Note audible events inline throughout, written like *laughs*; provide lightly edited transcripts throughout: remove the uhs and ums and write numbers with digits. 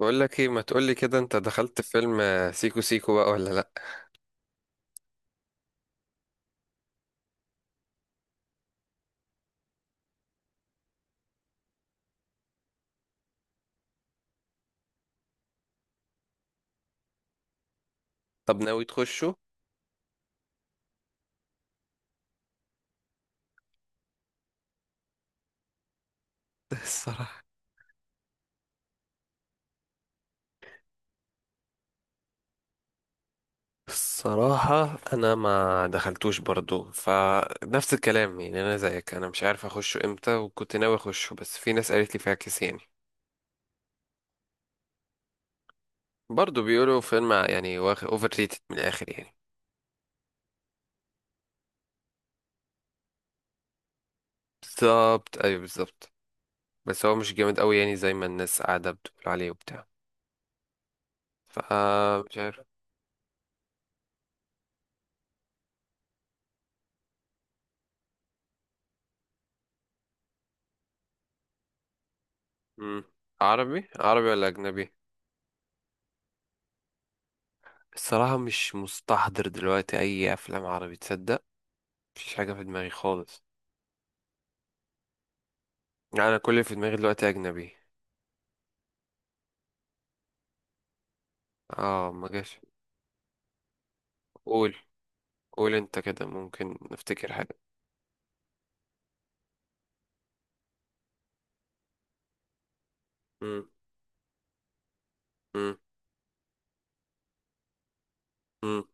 بقول لك ايه؟ ما تقولي كده، انت دخلت في فيلم سيكو سيكو بقى ولا لا؟ طب ناوي تخشه؟ *laughs* الصراحة، الصراحة أنا ما دخلتوش برضو، فنفس الكلام يعني، أنا زيك، أنا مش عارف أخشه إمتى وكنت ناوي أخشه، بس في ناس قالت لي فاكس يعني. برضو بيقولوا فيلم يعني أوفر ريتد من الآخر يعني. بالظبط، أيوه بالظبط. بس هو مش جامد أوي يعني زي ما الناس قاعدة بتقول عليه وبتاع، فمش عارف. مم. عربي عربي ولا أجنبي؟ الصراحة مش مستحضر دلوقتي أي أفلام عربي، تصدق؟ مفيش حاجة في دماغي خالص. يعني أنا كل اللي في دماغي دلوقتي أجنبي. اه ما جاش. قول، قول أنت كده، ممكن نفتكر حاجة. مم. مم. مم.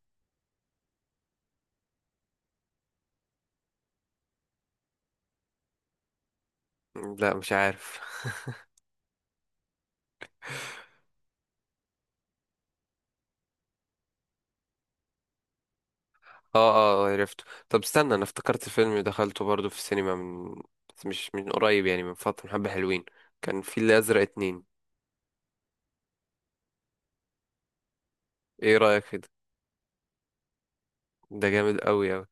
لا، مش عارف. *laughs* اه، اه عرفته. طب استنى، أنا افتكرت فيلم دخلته برضو في السينما من، بس مش من قريب يعني، من فترة، من حبة حلوين. كان في الأزرق اتنين. ايه رأيك كده؟ ده ده جامد أوي أوي.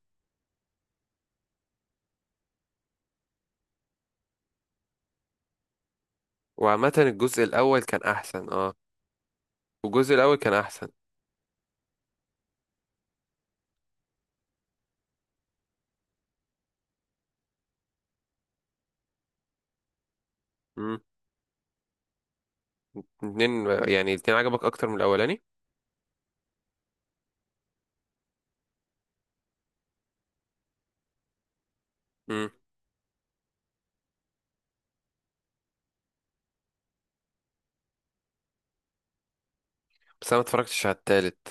وعامة الجزء الأول كان أحسن، اه. الجزء الأول كان أحسن. اتنين يعني؟ اتنين عجبك اكتر من الاولاني؟ امم. بس انا ما اتفرجتش على التالت.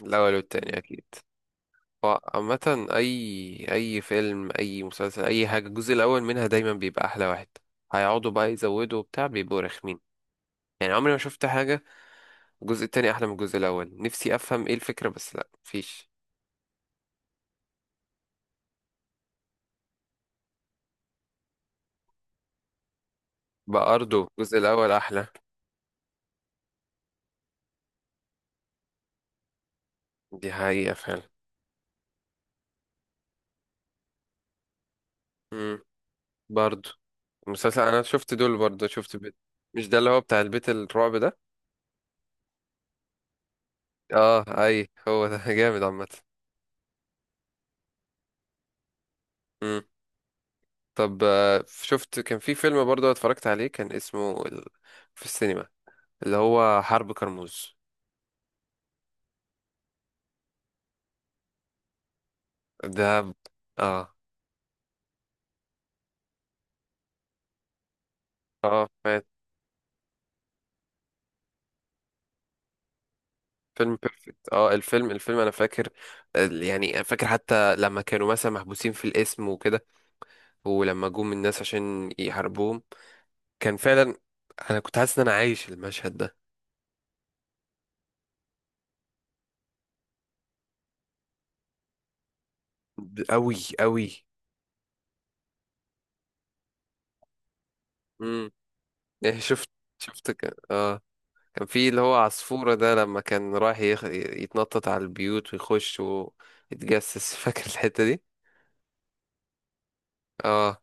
الاول والتاني اكيد. هو عامة اي اي فيلم، اي مسلسل، اي حاجة، الجزء الاول منها دايما بيبقى احلى واحد. هيقعدوا بقى يزودوا وبتاع، بيبقوا رخمين يعني. عمري ما شفت حاجة الجزء التاني احلى من الجزء الاول. نفسي افهم ايه الفكرة، بس لا مفيش. برضه الجزء الاول احلى، دي حقيقة فعلا. امم. برضه المسلسل انا شفت دول، برضه شفت بيت. مش ده اللي هو بتاع البيت الرعب ده؟ اه اي هو ده. *laughs* جامد عامة. مم. طب شفت كان في فيلم برضه اتفرجت عليه، كان اسمه ال... في السينما، اللي هو حرب كرموز. ده اه، اه فات. فيلم بيرفكت، اه. الفيلم، الفيلم انا فاكر يعني أنا فاكر حتى لما كانوا مثلا محبوسين في القسم وكده، ولما جم الناس عشان يحاربوهم، كان فعلا، انا كنت حاسس ان انا عايش المشهد ده. قوي قوي. امم. شفت، شفت اه، كان في اللي هو عصفورة ده لما كان رايح يتنطط على البيوت ويخش ويتجسس. *laughs* فاكر الحتة دي؟ اه.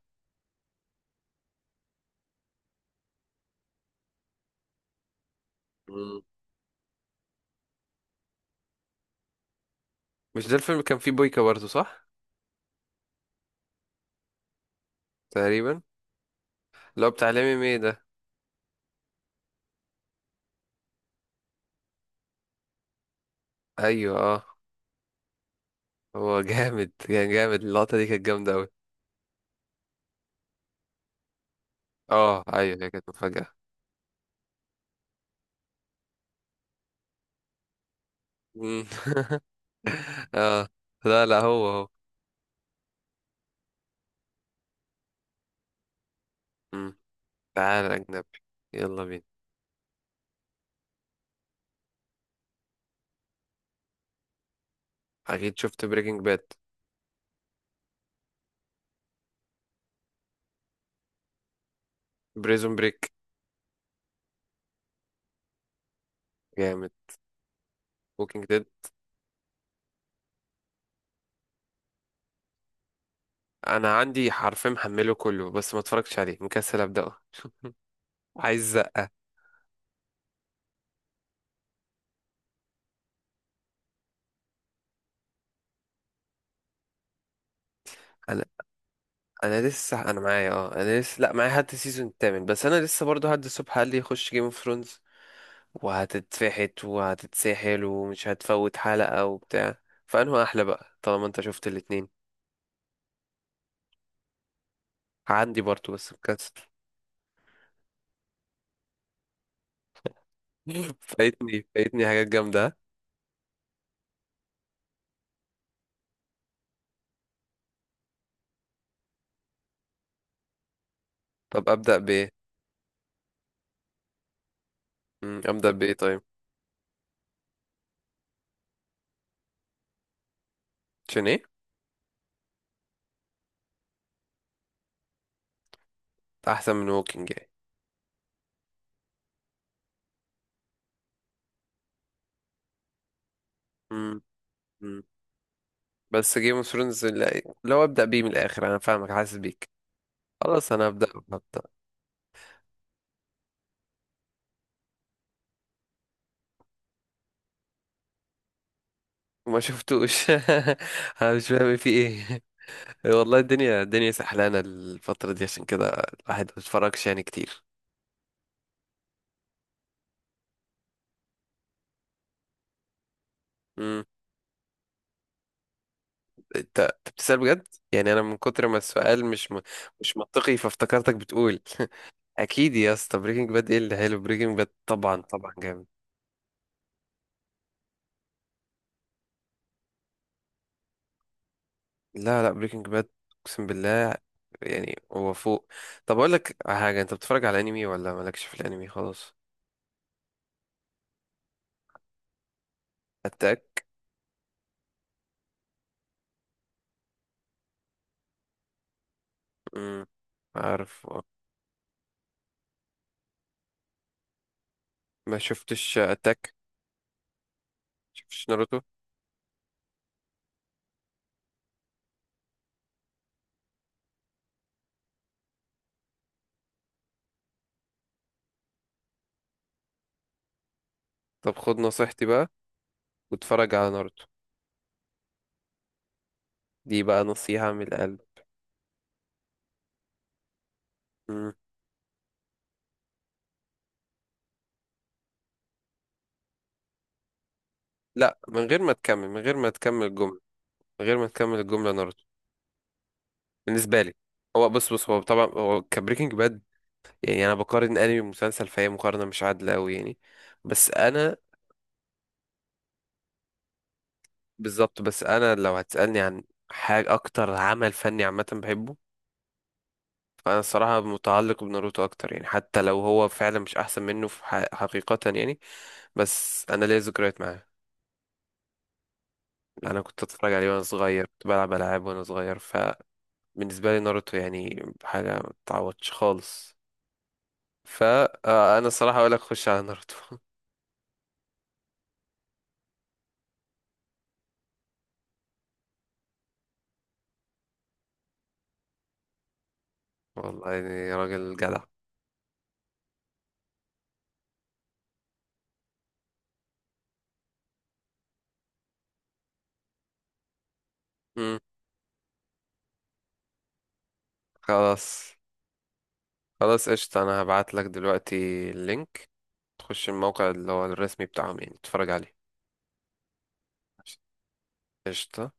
مم. مش ده الفيلم كان فيه بويكا برضه، صح؟ تقريبا، اللي هو بتاع لامي مي ده. ايوه اه. هو *laughs* جامد، كان جامد، اللقطة دي كانت جامدة اوي. اه ايوه، هي كانت مفاجأة. مم. *laughs* اه. لا لا، هو هو. مم. تعال اجنبي، يلا بينا. اكيد شفت بريكنج باد، بريزون بريك. جامد. ووكينج ديد. انا عندي حرفين، محمله كله بس ما اتفرجتش عليه، مكسل ابداه. *laughs* عايز زقة. انا انا لسه، انا لسه، لا معايا لحد السيزون الثامن، بس انا لسه برضه هد الصبح قال لي يخش جيم اوف ثرونز، وهتتفحت وهتتسحل ومش هتفوت حلقة وبتاع، فانه احلى بقى طالما انت شفت الاتنين. عندي برضه، بس مكسل. *laughs* فايتني، فايتني حاجات جامدة. طب ابدا بايه؟ مم، ابدا بايه طيب؟ عشان ايه؟ احسن من ووكينج يعني؟ بس جيم اوف ثرونز، اللي هو ابدأ بيه من الآخر، أنا فاهمك، حاسس بيك. خلاص أنا هبدأ، هبدأ. ما شفتوش. *laughs* أنا مش فاهم في إيه. *laughs* والله، الدنيا سحلانة الفترة دي، عشان كده الواحد ما بيتفرجش يعني كتير. امم. أنت بتسأل بجد يعني؟ أنا من كتر ما السؤال مش منطقي، فافتكرتك بتقول. *laughs* أكيد يا اسطى، بريكنج باد إيه اللي حلو؟ بريكنج باد طبعا طبعا جامد. لا لا، بريكنج باد، اقسم بالله يعني هو فوق. طب اقول لك على حاجه، انت بتتفرج على انمي ولا مالكش في الانمي خالص؟ اتاك. امم. عارف آه. ما شفتش اتاك. شفتش ناروتو؟ طب خد نصيحتي بقى، واتفرج على ناروتو، دي بقى نصيحه من القلب. امم. لا، من غير ما تكمل، من غير ما تكمل الجمله. من غير ما تكمل الجمله، ناروتو. بالنسبه لي، هو بص بص هو طبعا هو كبريكنج باد يعني، انا بقارن انمي بمسلسل، فهي مقارنه مش عادله قوي يعني. بس انا، بالظبط. بس انا لو هتسألني عن حاجة اكتر عمل فني عامة بحبه، فانا الصراحة متعلق بناروتو اكتر يعني، حتى لو هو فعلا مش احسن منه في حقيقة يعني. بس انا ليا ذكريات معاه. انا كنت اتفرج عليه وانا صغير، كنت بلعب العاب وانا صغير. فبالنسبة لي ناروتو يعني حاجة ما تعوضش خالص. فانا الصراحة اقول لك خش على ناروتو. *laughs* والله يعني راجل جدع. مم. خلاص، خلاص قشطة، انا هبعت لك دلوقتي اللينك، تخش الموقع اللي هو الرسمي بتاعهم يعني تتفرج عليه. قشطة.